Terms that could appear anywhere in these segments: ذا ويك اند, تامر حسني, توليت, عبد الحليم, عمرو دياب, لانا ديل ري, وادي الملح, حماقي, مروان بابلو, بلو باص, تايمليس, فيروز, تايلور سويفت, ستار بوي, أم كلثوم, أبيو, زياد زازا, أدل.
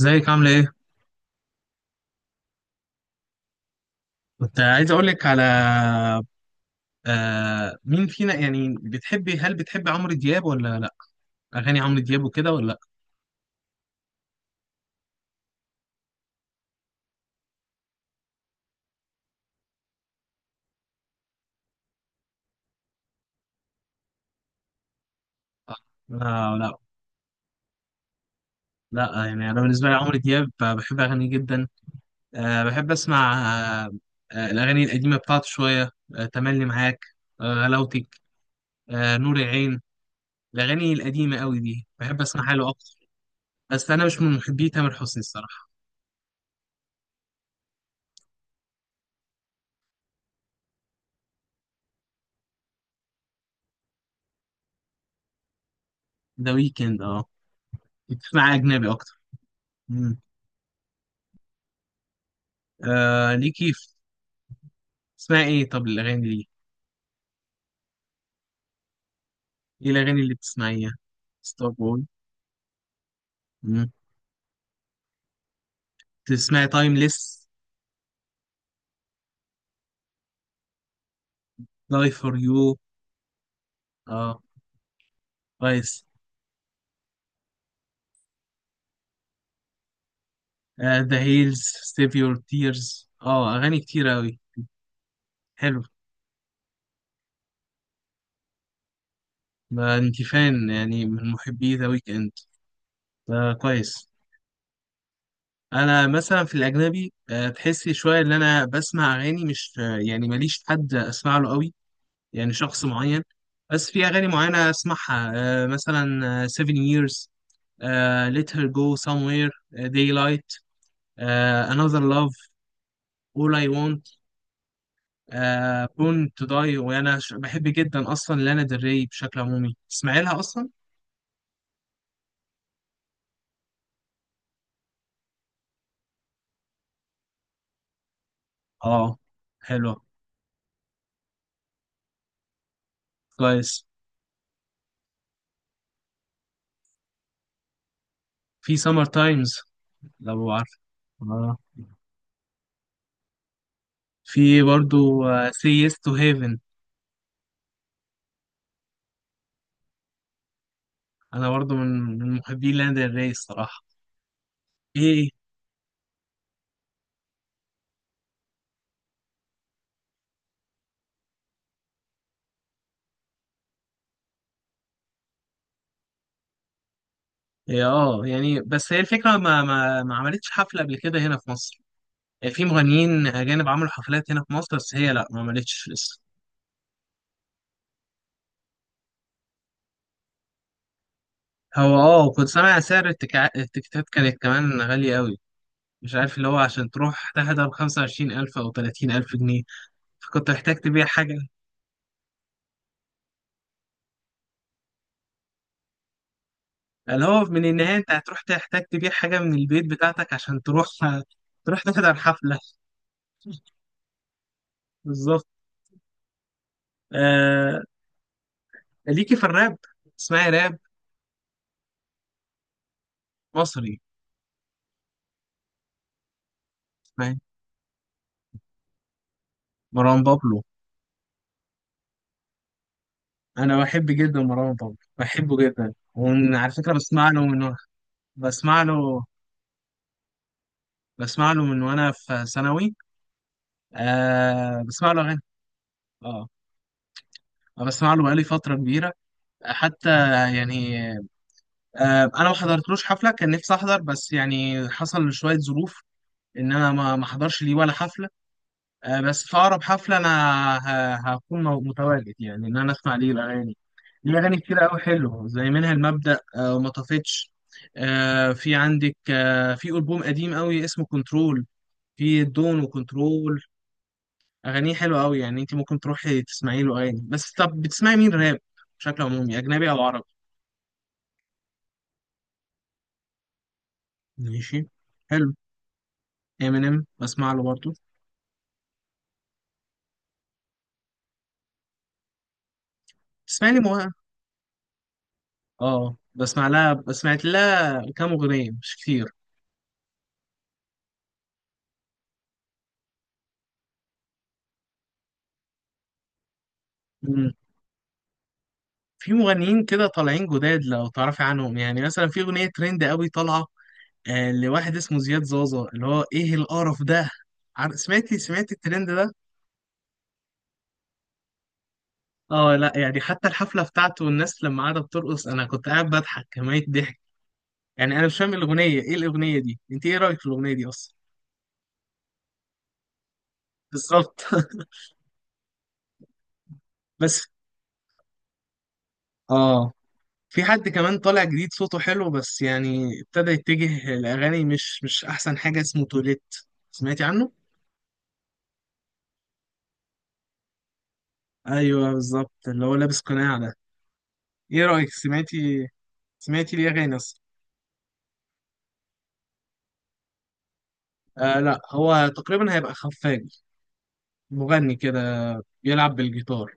ازيك عاملة ايه؟ كنت عايز اقولك على. مين فينا، يعني هل بتحبي عمرو دياب ولا لا؟ اغاني عمرو دياب وكده ولا لا؟ لا، لا، لا، يعني انا بالنسبة لي عمرو دياب، بحب اغانيه جدا. آه، بحب اسمع. آه الاغاني القديمة بتاعته شوية، تملي معاك، غلاوتك، نور العين. الاغاني القديمة قوي دي بحب اسمعها له اكتر. بس انا مش من محبي تامر حسني الصراحة. ده ويكند، اه. بتسمع اجنبي اكتر. مم. ليكي. اسمها ايه طب الاغاني دي؟ ايه الاغاني اللي بتسمعيها؟ ستار بوي. مم. تسمعي تايمليس؟ لاي فور يو؟ اه، كويس. ذا هيلز، سيف يور تيرز، اه اغاني كتير اوي. حلو. ما انت فان يعني، من محبي ذا ويك اند. كويس. انا مثلا في الاجنبي، تحسي شويه ان انا بسمع اغاني مش، يعني ماليش حد اسمع له قوي، يعني شخص معين. بس في اغاني معينه اسمعها، مثلا 7 years, Let Her Go Somewhere, Daylight, Another Love, All I Want, Born to Die. وأنا بحب جدا أصلا لانا ديل ري، بشكل عمومي تسمعي لها أصلا؟ آه، حلوة. كويس. في Summer Times، لو عارف. آه. في برضو Say Yes to Heaven. أنا برضو من محبين لانا ديل ري الصراحة. إيه. إيه، اه، يعني بس هي الفكرة ما عملتش حفلة قبل كده هنا في مصر. في مغنيين أجانب عملوا حفلات هنا في مصر، بس هي لأ، ما عملتش لسه. هو اه، وكنت سامع سعر التيكتات كانت كمان غالية أوي. مش عارف اللي هو عشان تروح تحضر 25,000 أو 30,000 جنيه، فكنت محتاج تبيع حاجة. اللي هو من النهاية أنت هتروح تحتاج تبيع حاجة من البيت بتاعتك عشان تروح تروح تحضر حفلة. بالظبط. آه... ليكي في الراب؟ اسمعي راب مصري؟ اسمعي مروان بابلو. أنا بحب جدا مروان بابلو، بحبه جدا. وعلى فكرة بسمع له بسمع له من وانا في ثانوي. آه بسمع له اغاني. اه بسمع له بقالي فتره كبيره حتى، يعني. آه، انا ما حضرتلوش حفله، كان نفسي احضر بس يعني حصل شويه ظروف ان انا ما احضرش ليه ولا حفله. آه بس في اقرب حفله انا هكون متواجد، يعني ان انا اسمع ليه الاغاني. ليه اغاني كتير قوي حلوه، زي منها المبدأ، آه وما طفتش. آه في عندك، آه في البوم قديم قوي اسمه كنترول، في دون وكنترول. اغانيه حلوه قوي، يعني انت ممكن تروحي تسمعي له اغاني. بس طب بتسمعي مين راب بشكل عمومي، اجنبي او عربي؟ ماشي. حلو. امينيم بسمع له برضه. تسمعي لي مواقع. اه بسمع لها، سمعت لها كام اغنيه مش كتير. مم. في مغنيين كده طالعين جداد لو تعرفي عنهم، يعني مثلا في اغنيه ترند قوي طالعه، لواحد اسمه زياد زازا، اللي هو ايه القرف ده. سمعتي الترند ده؟ اه لا، يعني حتى الحفله بتاعته والناس لما قعدت ترقص، انا كنت قاعد بضحك كمية ضحك. يعني انا مش فاهم الاغنيه، ايه الاغنيه دي، انت ايه رايك في الاغنيه دي اصلا؟ بالظبط. بس اه، في حد كمان طالع جديد صوته حلو، بس يعني ابتدى يتجه لاغاني مش احسن حاجه، اسمه توليت. سمعتي عنه؟ ايوه بالظبط، اللي هو لابس قناع ده. ايه رايك، سمعتي؟ سمعتي ليه اغاني اصلا؟ آه لا، هو تقريبا هيبقى خفاجي، مغني كده بيلعب بالجيتار.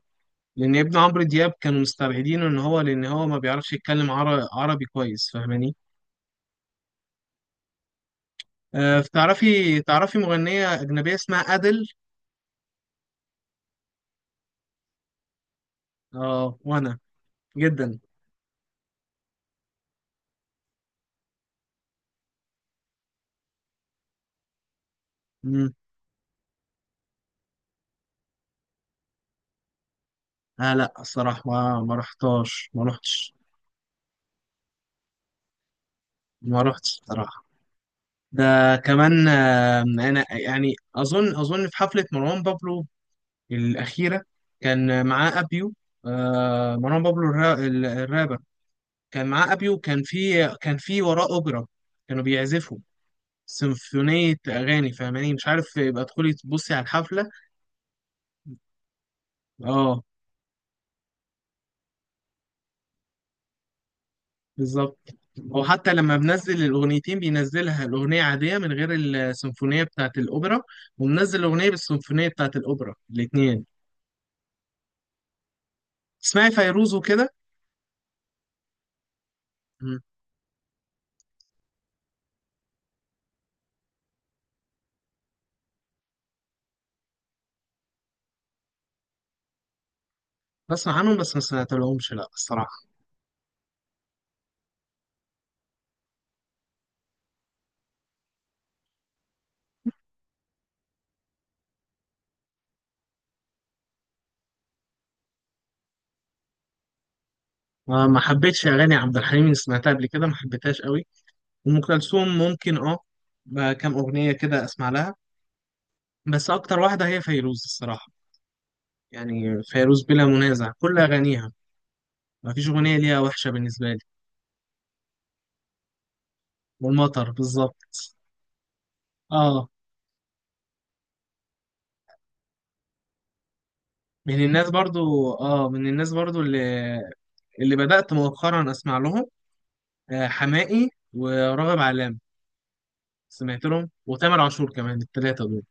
لان ابن عمرو دياب كانوا مستبعدينه ان هو، لان هو ما بيعرفش يتكلم عربي كويس، فاهماني؟ آه، تعرفي مغنية أجنبية اسمها أدل؟ اه. وأنا جدا. مم. آه لا الصراحة ما رحتهاش، ما رحتش، ما رحتش الصراحة. ده كمان آه، أنا يعني أظن في حفلة مروان بابلو الأخيرة كان معاه أبيو. آه مروان بابلو الرابر، كان معاه أبيو، كان في كان في وراه أوبرا، كانوا بيعزفوا سيمفونية أغاني، فاهماني؟ مش عارف، يبقى تدخلي تبصي على الحفلة. اه بالظبط. هو حتى لما بنزل الأغنيتين بينزلها الأغنية عادية من غير السيمفونية بتاعة الأوبرا، ومنزل الأغنية بالسيمفونية بتاعة الأوبرا الاتنين. اسمعي فيروز وكده؟ مم. بسمع عنهم بس ما سمعتلهمش لا الصراحة. ما حبيتش أغاني عبد الحليم اللي سمعتها قبل كده، ما حبيتهاش قوي. أم كلثوم ممكن أه، بقى كام أغنية كده أسمع لها، بس أكتر واحدة هي فيروز الصراحة. يعني فيروز بلا منازع كل أغانيها، ما فيش أغنية ليها وحشة بالنسبة لي. والمطر بالظبط. اه من الناس برضو، اه من الناس برضو اللي، اللي بدأت مؤخرا اسمع لهم، آه حماقي وراغب علام. سمعت لهم وتامر عاشور كمان، الثلاثه دول.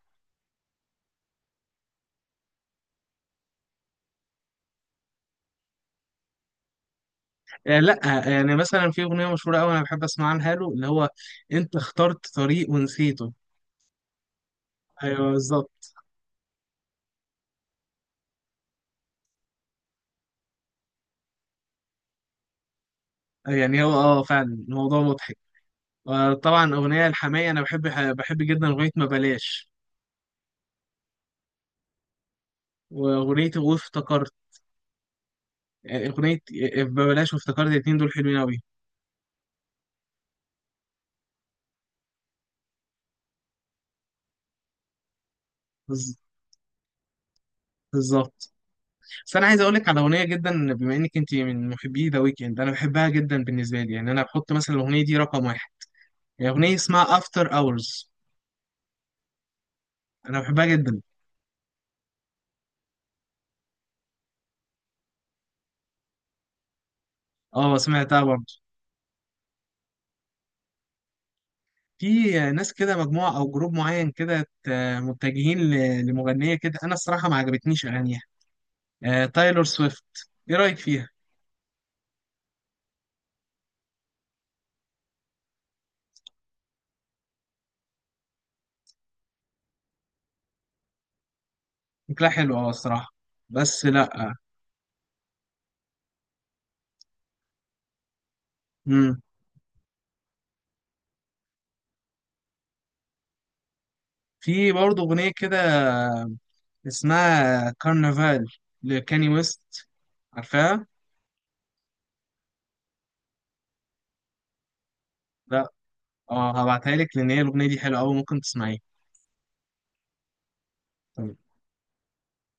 آه لا. آه، يعني مثلا في اغنيه مشهوره قوي انا بحب اسمعها له اللي هو انت اخترت طريق ونسيته. ايوه بالظبط. آه، يعني هو اه فعلا الموضوع مضحك. آه طبعا اغنيه الحماقي انا بحب، بحب جدا اغنيه ما بلاش، واغنيه وافتكرت. آه، اغنيه آه، ما بلاش وافتكرت، الاتنين دول حلوين قوي. بالظبط. بس انا عايز اقول لك على اغنيه، جدا بما انك انت من محبي ذا ويكند، انا بحبها جدا بالنسبه لي، يعني انا بحط مثلا الاغنيه دي رقم واحد. هي اغنيه اسمها افتر اورز، انا بحبها جدا. اه سمعتها برضه. في ناس كده مجموعه او جروب معين كده متجهين لمغنيه كده، انا الصراحه ما عجبتنيش اغانيها. آه، تايلور سويفت، ايه رايك فيها؟ شكلها حلو اه الصراحه، بس لا. امم. في برضه اغنيه كده اسمها كارنفال لكاني ويست، عارفاها؟ اه هبعتها لك لان هي الاغنيه دي حلوه قوي، ممكن تسمعيها.